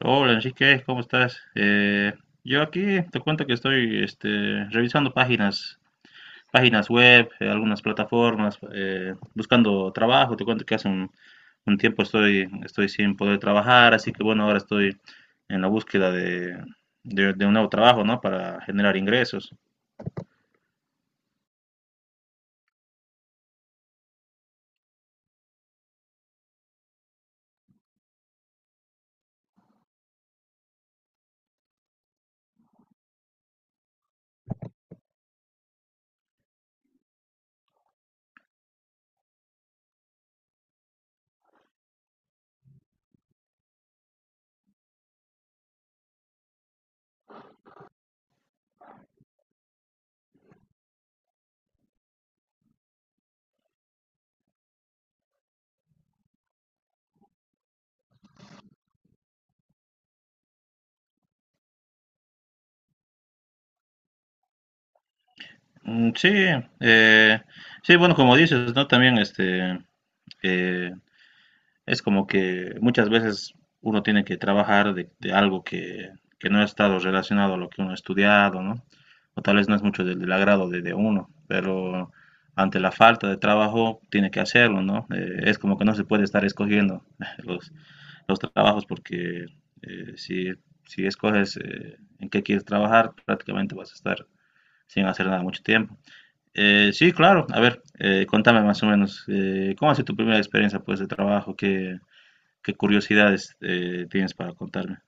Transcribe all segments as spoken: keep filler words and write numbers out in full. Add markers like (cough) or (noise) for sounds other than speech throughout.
Hola Enrique, ¿cómo estás? Eh, yo aquí te cuento que estoy este, revisando páginas, páginas web, eh, algunas plataformas, eh, buscando trabajo. Te cuento que hace un, un tiempo estoy, estoy sin poder trabajar, así que bueno, ahora estoy en la búsqueda de, de- de un nuevo trabajo, ¿no? Para generar ingresos. Mm, sí, eh, sí, bueno, como dices, ¿no? También este, eh, es como que muchas veces uno tiene que trabajar de, de algo que, que no ha estado relacionado a lo que uno ha estudiado, ¿no? O tal vez no es mucho del, del agrado de, de uno, pero ante la falta de trabajo tiene que hacerlo, ¿no? Eh, es como que no se puede estar escogiendo (laughs) los, los trabajos porque eh, si, si escoges eh, en qué quieres trabajar, prácticamente vas a estar sin hacer nada mucho tiempo. Eh, sí, claro, a ver, eh, contame más o menos, eh, ¿cómo ha sido tu primera experiencia pues de trabajo? ¿Qué, ¿Qué curiosidades eh, tienes para contarme?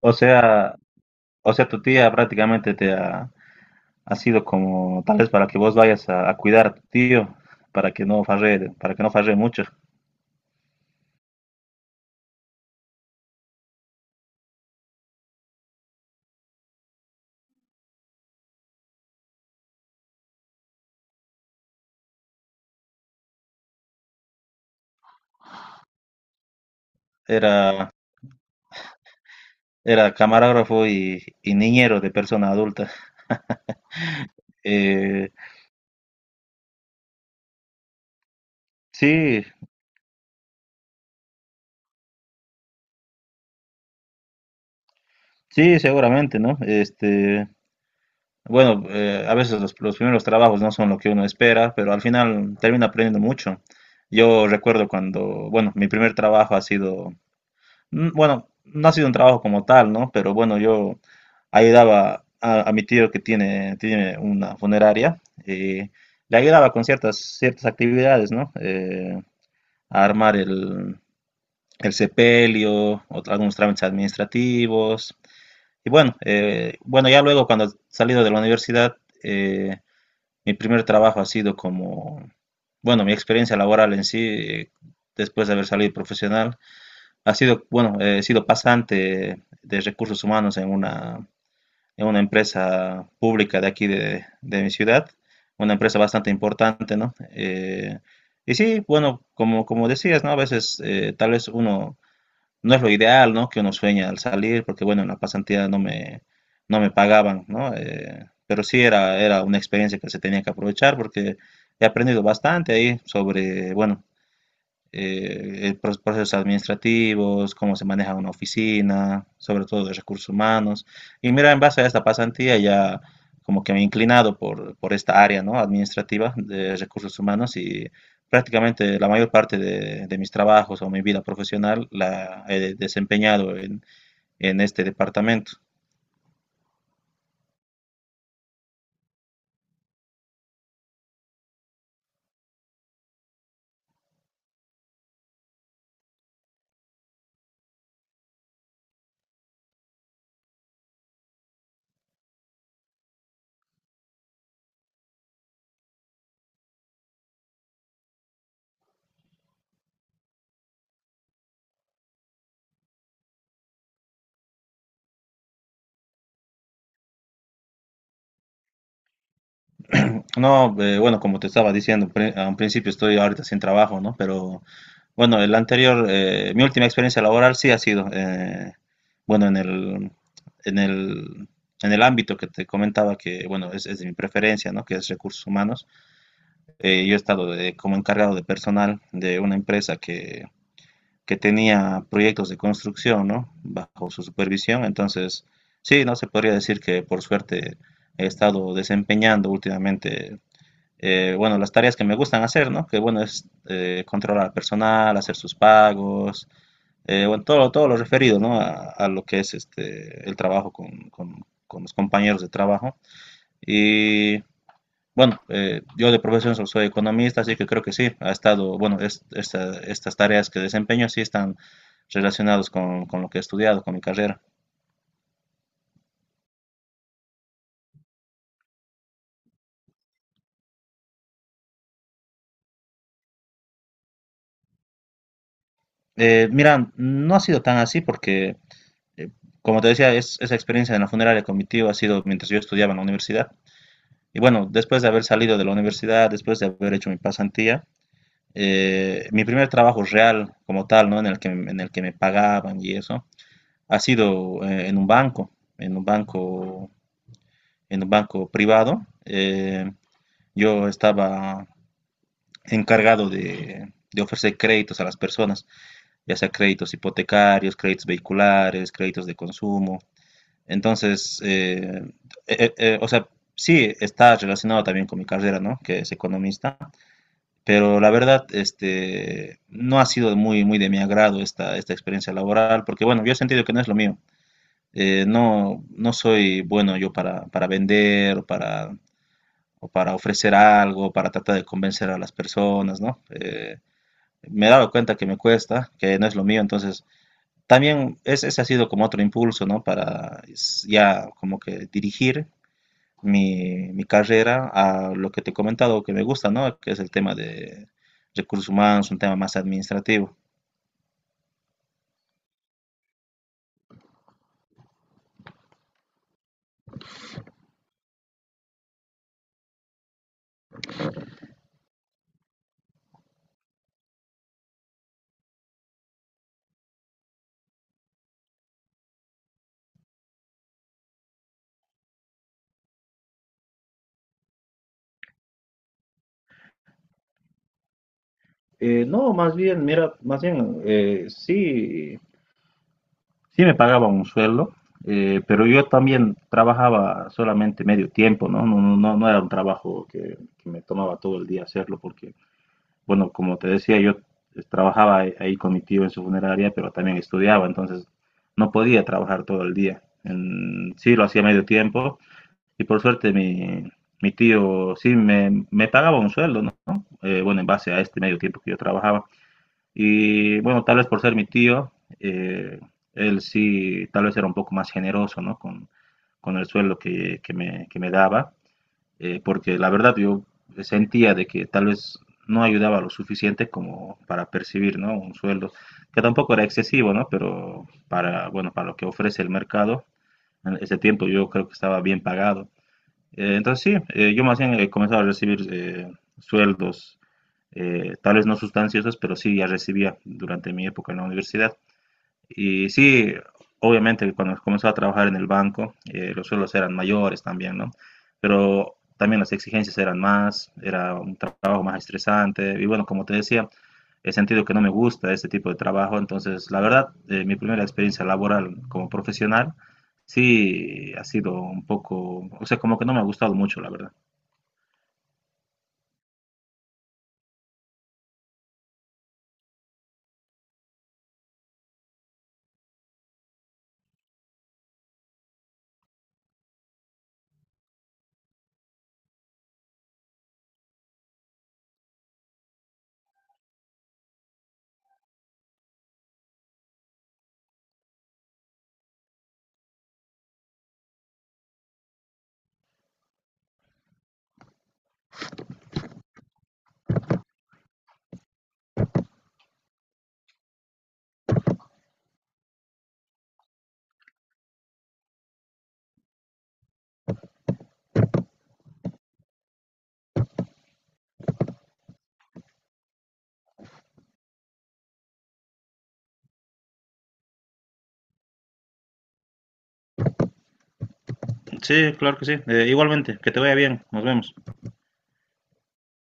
O sea, o sea, tu tía prácticamente te ha, ha sido como tal vez para que vos vayas a, a cuidar a tu tío para que no farre, para que no farre mucho. Era, Era camarógrafo y, y niñero de persona adulta. Eh, sí, sí, seguramente, ¿no? Este, bueno, eh, a veces los, los primeros trabajos no son lo que uno espera, pero al final termina aprendiendo mucho. Yo recuerdo cuando, bueno, mi primer trabajo ha sido mm, bueno, no ha sido un trabajo como tal, ¿no? Pero bueno, yo ayudaba a, a mi tío que tiene, tiene una funeraria, eh, le ayudaba con ciertas, ciertas actividades, ¿no? Eh, a armar el, el sepelio, otro- algunos trámites administrativos. Y bueno, eh, bueno, ya luego cuando he salido de la universidad, eh, mi primer trabajo ha sido como, bueno, mi experiencia laboral en sí, eh, después de haber salido profesional ha sido, bueno, eh, he sido pasante de recursos humanos en una, en una empresa pública de aquí de, de mi ciudad, una empresa bastante importante, ¿no? Eh, y sí, bueno, como, como decías, ¿no? A veces eh, tal vez uno no es lo ideal, ¿no? Que uno sueña al salir, porque bueno, en la pasantía no me, no me pagaban, ¿no? Eh, pero sí era, era una experiencia que se tenía que aprovechar porque he aprendido bastante ahí sobre, bueno, eh, eh, pro- procesos administrativos, cómo se maneja una oficina, sobre todo de recursos humanos. Y mira, en base a esta pasantía ya como que me he inclinado por, por esta área, ¿no? Administrativa de recursos humanos y prácticamente la mayor parte de, de mis trabajos o mi vida profesional la he desempeñado en, en este departamento. No, eh, bueno, como te estaba diciendo, pre- a un principio estoy ahorita sin trabajo, ¿no? Pero bueno, el anterior, eh, mi última experiencia laboral sí ha sido, eh, bueno, en el, en el, en el ámbito que te comentaba que, bueno, es, es de mi preferencia, ¿no? Que es recursos humanos. Eh, yo he estado de- como encargado de personal de una empresa que, que tenía proyectos de construcción, ¿no? Bajo su supervisión. Entonces, sí, no se podría decir que por suerte he estado desempeñando últimamente eh, bueno, las tareas que me gustan hacer, ¿no? Que bueno, es eh, controlar al personal, hacer sus pagos, eh, bueno, todo, todo lo referido, ¿no? A, a lo que es este, el trabajo con, con- con los compañeros de trabajo. Y bueno, eh, yo de profesión so- soy economista, así que creo que sí, ha estado, bueno, es- esta- estas tareas que desempeño sí están relacionadas con, con lo que he estudiado, con mi carrera. Eh, mira, no ha sido tan así porque, eh, como te decía, es- esa experiencia en la funeraria cognitiva ha sido mientras yo estudiaba en la universidad. Y bueno, después de haber salido de la universidad, después de haber hecho mi pasantía, eh, mi primer trabajo real como tal, ¿no? En el que, en el que me pagaban y eso, ha sido eh, en un banco, en un banco, en un banco privado. Eh, yo estaba encargado de, de ofrecer créditos a las personas, ya sea créditos hipotecarios, créditos vehiculares, créditos de consumo. Entonces, eh, eh, eh, o sea, sí está relacionado también con mi carrera, ¿no? Que es economista, pero la verdad, este, no ha sido muy, muy de mi agrado esta, esta experiencia laboral, porque bueno, yo he sentido que no es lo mío. Eh, no, no soy bueno yo para, para vender, o para, o para ofrecer algo, para tratar de convencer a las personas, ¿no? Eh, me he dado cuenta que me cuesta, que no es lo mío, entonces también es, ese ha sido como otro impulso, ¿no? Para s- ya como que dirigir mi, mi carrera a lo que te he comentado que me gusta, ¿no? Que es el tema de recursos humanos, un tema más administrativo. Eh, no, más bien, mira, más bien, eh, sí, sí me pagaban un sueldo, eh, pero yo también trabajaba solamente medio tiempo, ¿no? No, no, no- no era un trabajo que, que me tomaba todo el día hacerlo, porque, bueno, como te decía, yo trabajaba ahí ahí con mi tío en su funeraria, pero también estudiaba, entonces no podía trabajar todo el día. En- sí, lo hacía medio tiempo. Y por suerte mi, mi tío sí me, me pagaba un sueldo, ¿no? Eh, bueno, en base a este medio tiempo que yo trabajaba. Y bueno, tal vez por ser mi tío, eh, él sí, tal vez era un poco más generoso, ¿no? Con, con el sueldo que, que me, que me daba, eh, porque la verdad yo sentía de que tal vez no ayudaba lo suficiente como para percibir, ¿no? Un sueldo que tampoco era excesivo, ¿no? Pero para, bueno, para lo que ofrece el mercado, en ese tiempo yo creo que estaba bien pagado. Eh, entonces sí, eh, yo más bien he comenzado a recibir eh, sueldos, eh, tal vez no sustanciosos, pero sí ya recibía durante mi época en la universidad. Y sí, obviamente cuando comenzó a trabajar en el banco, eh, los sueldos eran mayores también, ¿no? Pero también las exigencias eran más, era un tra- trabajo más estresante. Y bueno, como te decía, he sentido que no me gusta este tipo de trabajo. Entonces, la verdad, eh, mi primera experiencia laboral como profesional sí ha sido un poco, o sea, como que no me ha gustado mucho, la verdad. Sí, claro que sí. Eh, igualmente, que te vaya bien. Nos vemos.